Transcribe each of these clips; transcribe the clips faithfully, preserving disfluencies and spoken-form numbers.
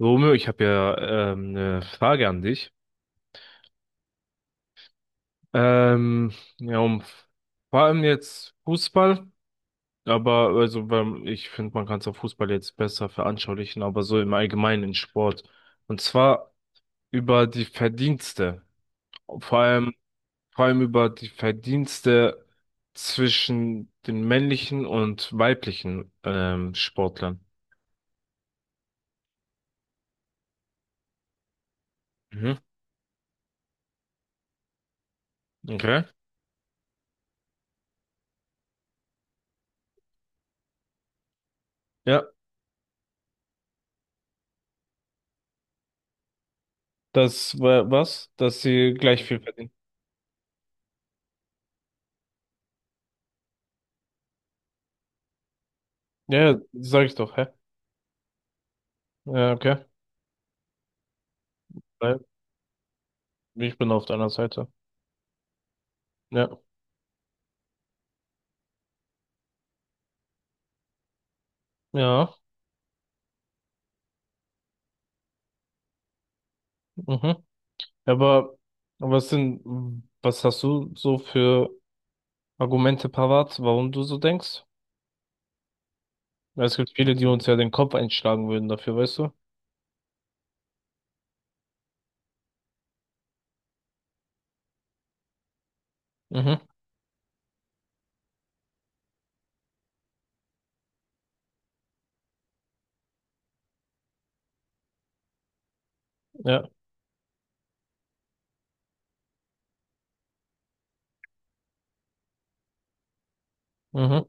Romeo, ich habe ja ähm, eine Frage an dich. Ähm, ja, um vor allem jetzt Fußball, aber also beim, ich finde, man kann es auf Fußball jetzt besser veranschaulichen, aber so im Allgemeinen in Sport. Und zwar über die Verdienste. Vor allem, vor allem über die Verdienste zwischen den männlichen und weiblichen ähm, Sportlern. Mhm. Okay. Ja, das war was, dass sie gleich viel verdienen. Ja, ja, sag ich doch, hä? Ja, okay. Ja, ich bin auf deiner Seite. Ja, ja, mhm. Aber was sind, was hast du so für Argumente parat, warum du so denkst? Weil es gibt viele, die uns ja den Kopf einschlagen würden dafür, weißt du? Mhm. Ja, mhm.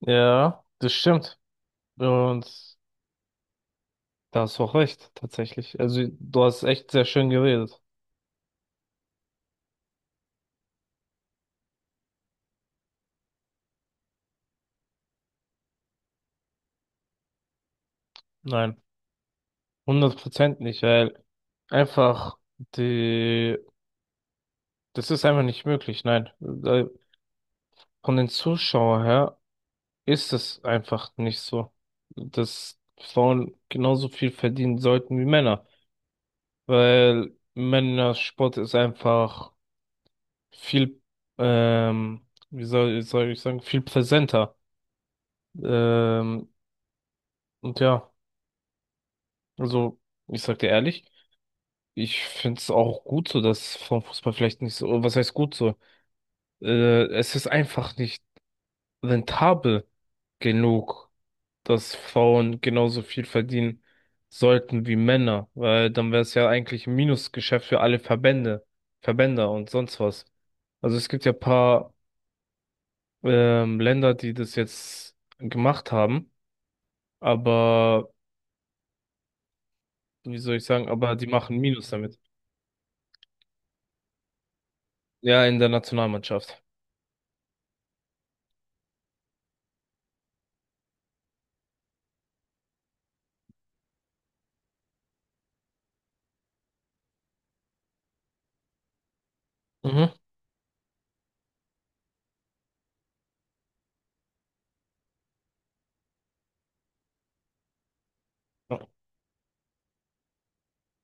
Ja, das stimmt. Und da hast du auch recht, tatsächlich. Also, du hast echt sehr schön geredet. Nein, hundert Prozent nicht, weil einfach die, das ist einfach nicht möglich, nein. Äh, Von den Zuschauern her ist es einfach nicht so, dass Frauen genauso viel verdienen sollten wie Männer, weil Männersport ist einfach viel, ähm, wie soll, soll ich sagen, viel präsenter. Ähm, und ja, also ich sag dir ehrlich, ich find's auch gut so, dass Frauenfußball vielleicht nicht so, was heißt gut so? Äh, es ist einfach nicht rentabel genug. Dass Frauen genauso viel verdienen sollten wie Männer, weil dann wäre es ja eigentlich ein Minusgeschäft für alle Verbände, Verbänder und sonst was. Also es gibt ja paar ähm, Länder, die das jetzt gemacht haben, aber wie soll ich sagen, aber die machen Minus damit. Ja, in der Nationalmannschaft. Mhm.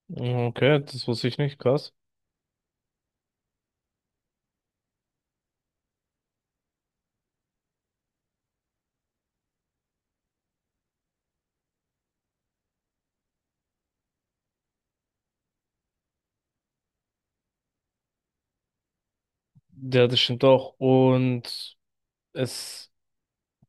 Okay, das wusste ich nicht, krass. Ja, das stimmt auch. Und es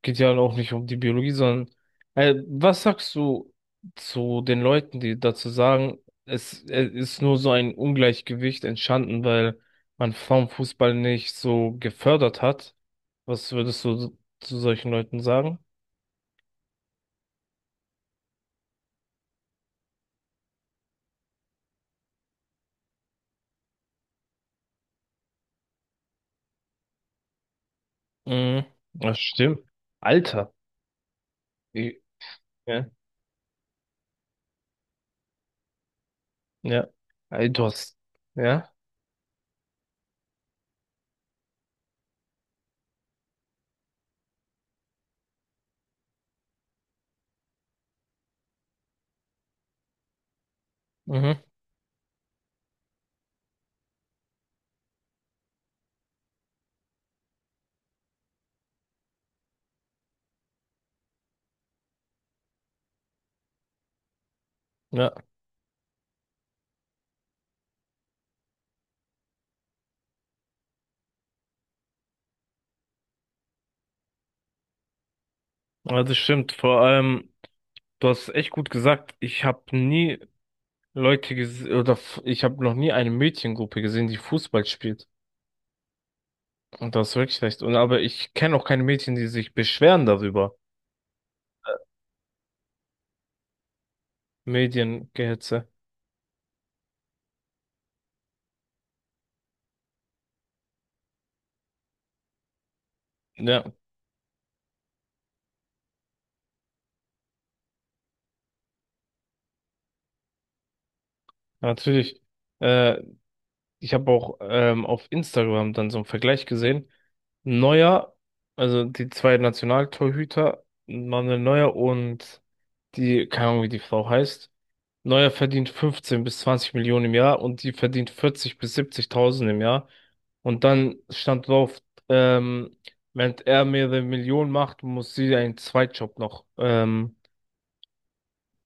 geht ja auch nicht um die Biologie, sondern äh, was sagst du zu den Leuten, die dazu sagen, es, es ist nur so ein Ungleichgewicht entstanden, weil man Frauenfußball nicht so gefördert hat? Was würdest du zu solchen Leuten sagen? Mhm. Das stimmt. Alter. Ich, ja. Ja. Ey, du hast. Ja. Mhm. Ja. Also stimmt. Vor allem, du hast echt gut gesagt. Ich habe nie Leute ges- oder f- ich habe noch nie eine Mädchengruppe gesehen, die Fußball spielt. Und das ist wirklich schlecht. Und aber ich kenne auch keine Mädchen, die sich beschweren darüber. Mediengehetze. Ja, natürlich. Äh, ich habe auch ähm, auf Instagram dann so einen Vergleich gesehen. Neuer, also die zwei Nationaltorhüter, Manuel Neuer und die, keine Ahnung, wie die Frau heißt. Neuer verdient fünfzehn bis zwanzig Millionen im Jahr und die verdient vierzig bis 70.000 im Jahr. Und dann stand drauf, ähm, wenn er mehrere Millionen macht, muss sie einen Zweitjob noch ähm,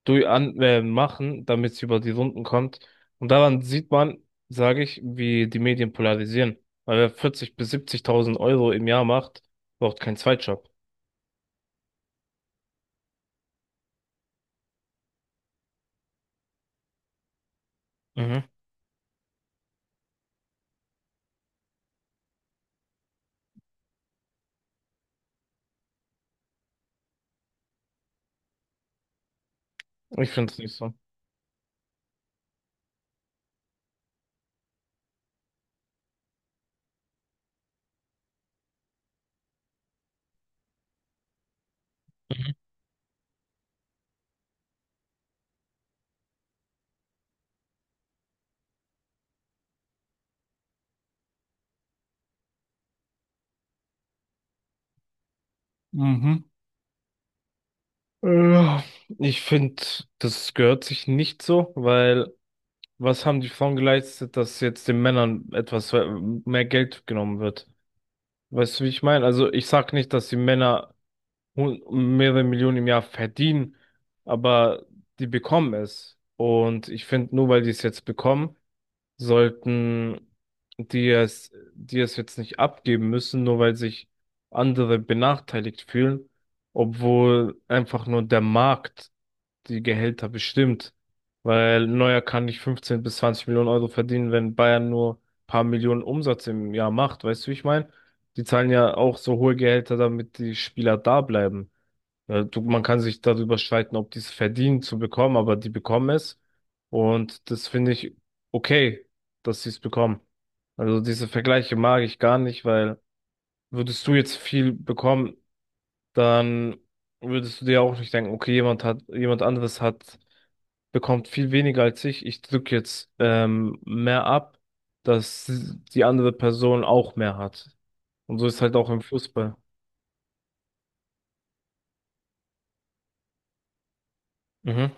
durch an, äh, machen, damit sie über die Runden kommt. Und daran sieht man, sage ich, wie die Medien polarisieren. Weil wer vierzig bis 70.000 Euro im Jahr macht, braucht keinen Zweitjob. Mhm. Ich finde es nicht so. Mhm. Ja, ich finde, das gehört sich nicht so, weil was haben die Frauen geleistet, dass jetzt den Männern etwas äh, mehr Geld genommen wird? Weißt du, wie ich meine? Also ich sag nicht, dass die Männer hun- mehrere Millionen im Jahr verdienen, aber die bekommen es. Und ich finde, nur weil die es jetzt bekommen, sollten die es, die es jetzt nicht abgeben müssen, nur weil sich andere benachteiligt fühlen, obwohl einfach nur der Markt die Gehälter bestimmt. Weil Neuer kann nicht fünfzehn bis zwanzig Millionen Euro verdienen, wenn Bayern nur ein paar Millionen Umsatz im Jahr macht. Weißt du, wie ich meine? Die zahlen ja auch so hohe Gehälter, damit die Spieler da bleiben. Ja, du, man kann sich darüber streiten, ob die es verdienen zu bekommen, aber die bekommen es. Und das finde ich okay, dass sie es bekommen. Also diese Vergleiche mag ich gar nicht, weil würdest du jetzt viel bekommen, dann würdest du dir auch nicht denken, okay, jemand hat, jemand anderes hat bekommt viel weniger als ich. Ich drücke jetzt ähm, mehr ab, dass die andere Person auch mehr hat. Und so ist halt auch im Fußball. Mhm.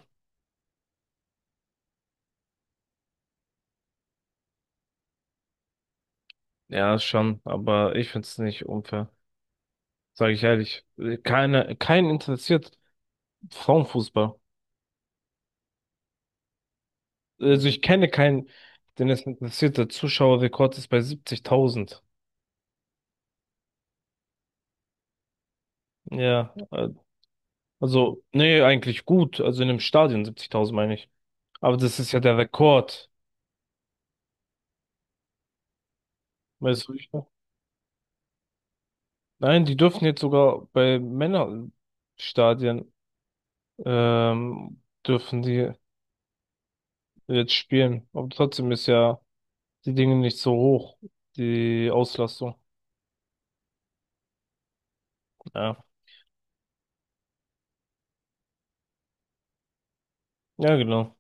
Ja, schon, aber ich find's nicht unfair. Sage ich ehrlich. Keine, kein interessiert Frauenfußball. Also ich kenne keinen, den es interessiert. Der Zuschauerrekord ist bei siebzigtausend. Ja, äh, also, nee, eigentlich gut. Also in einem Stadion siebzigtausend meine ich. Aber das ist ja der Rekord. Weißt du, nein, die dürfen jetzt sogar bei Männerstadien ähm, dürfen die jetzt spielen. Aber trotzdem ist ja die Dinge nicht so hoch, die Auslastung. Ja, ja, genau.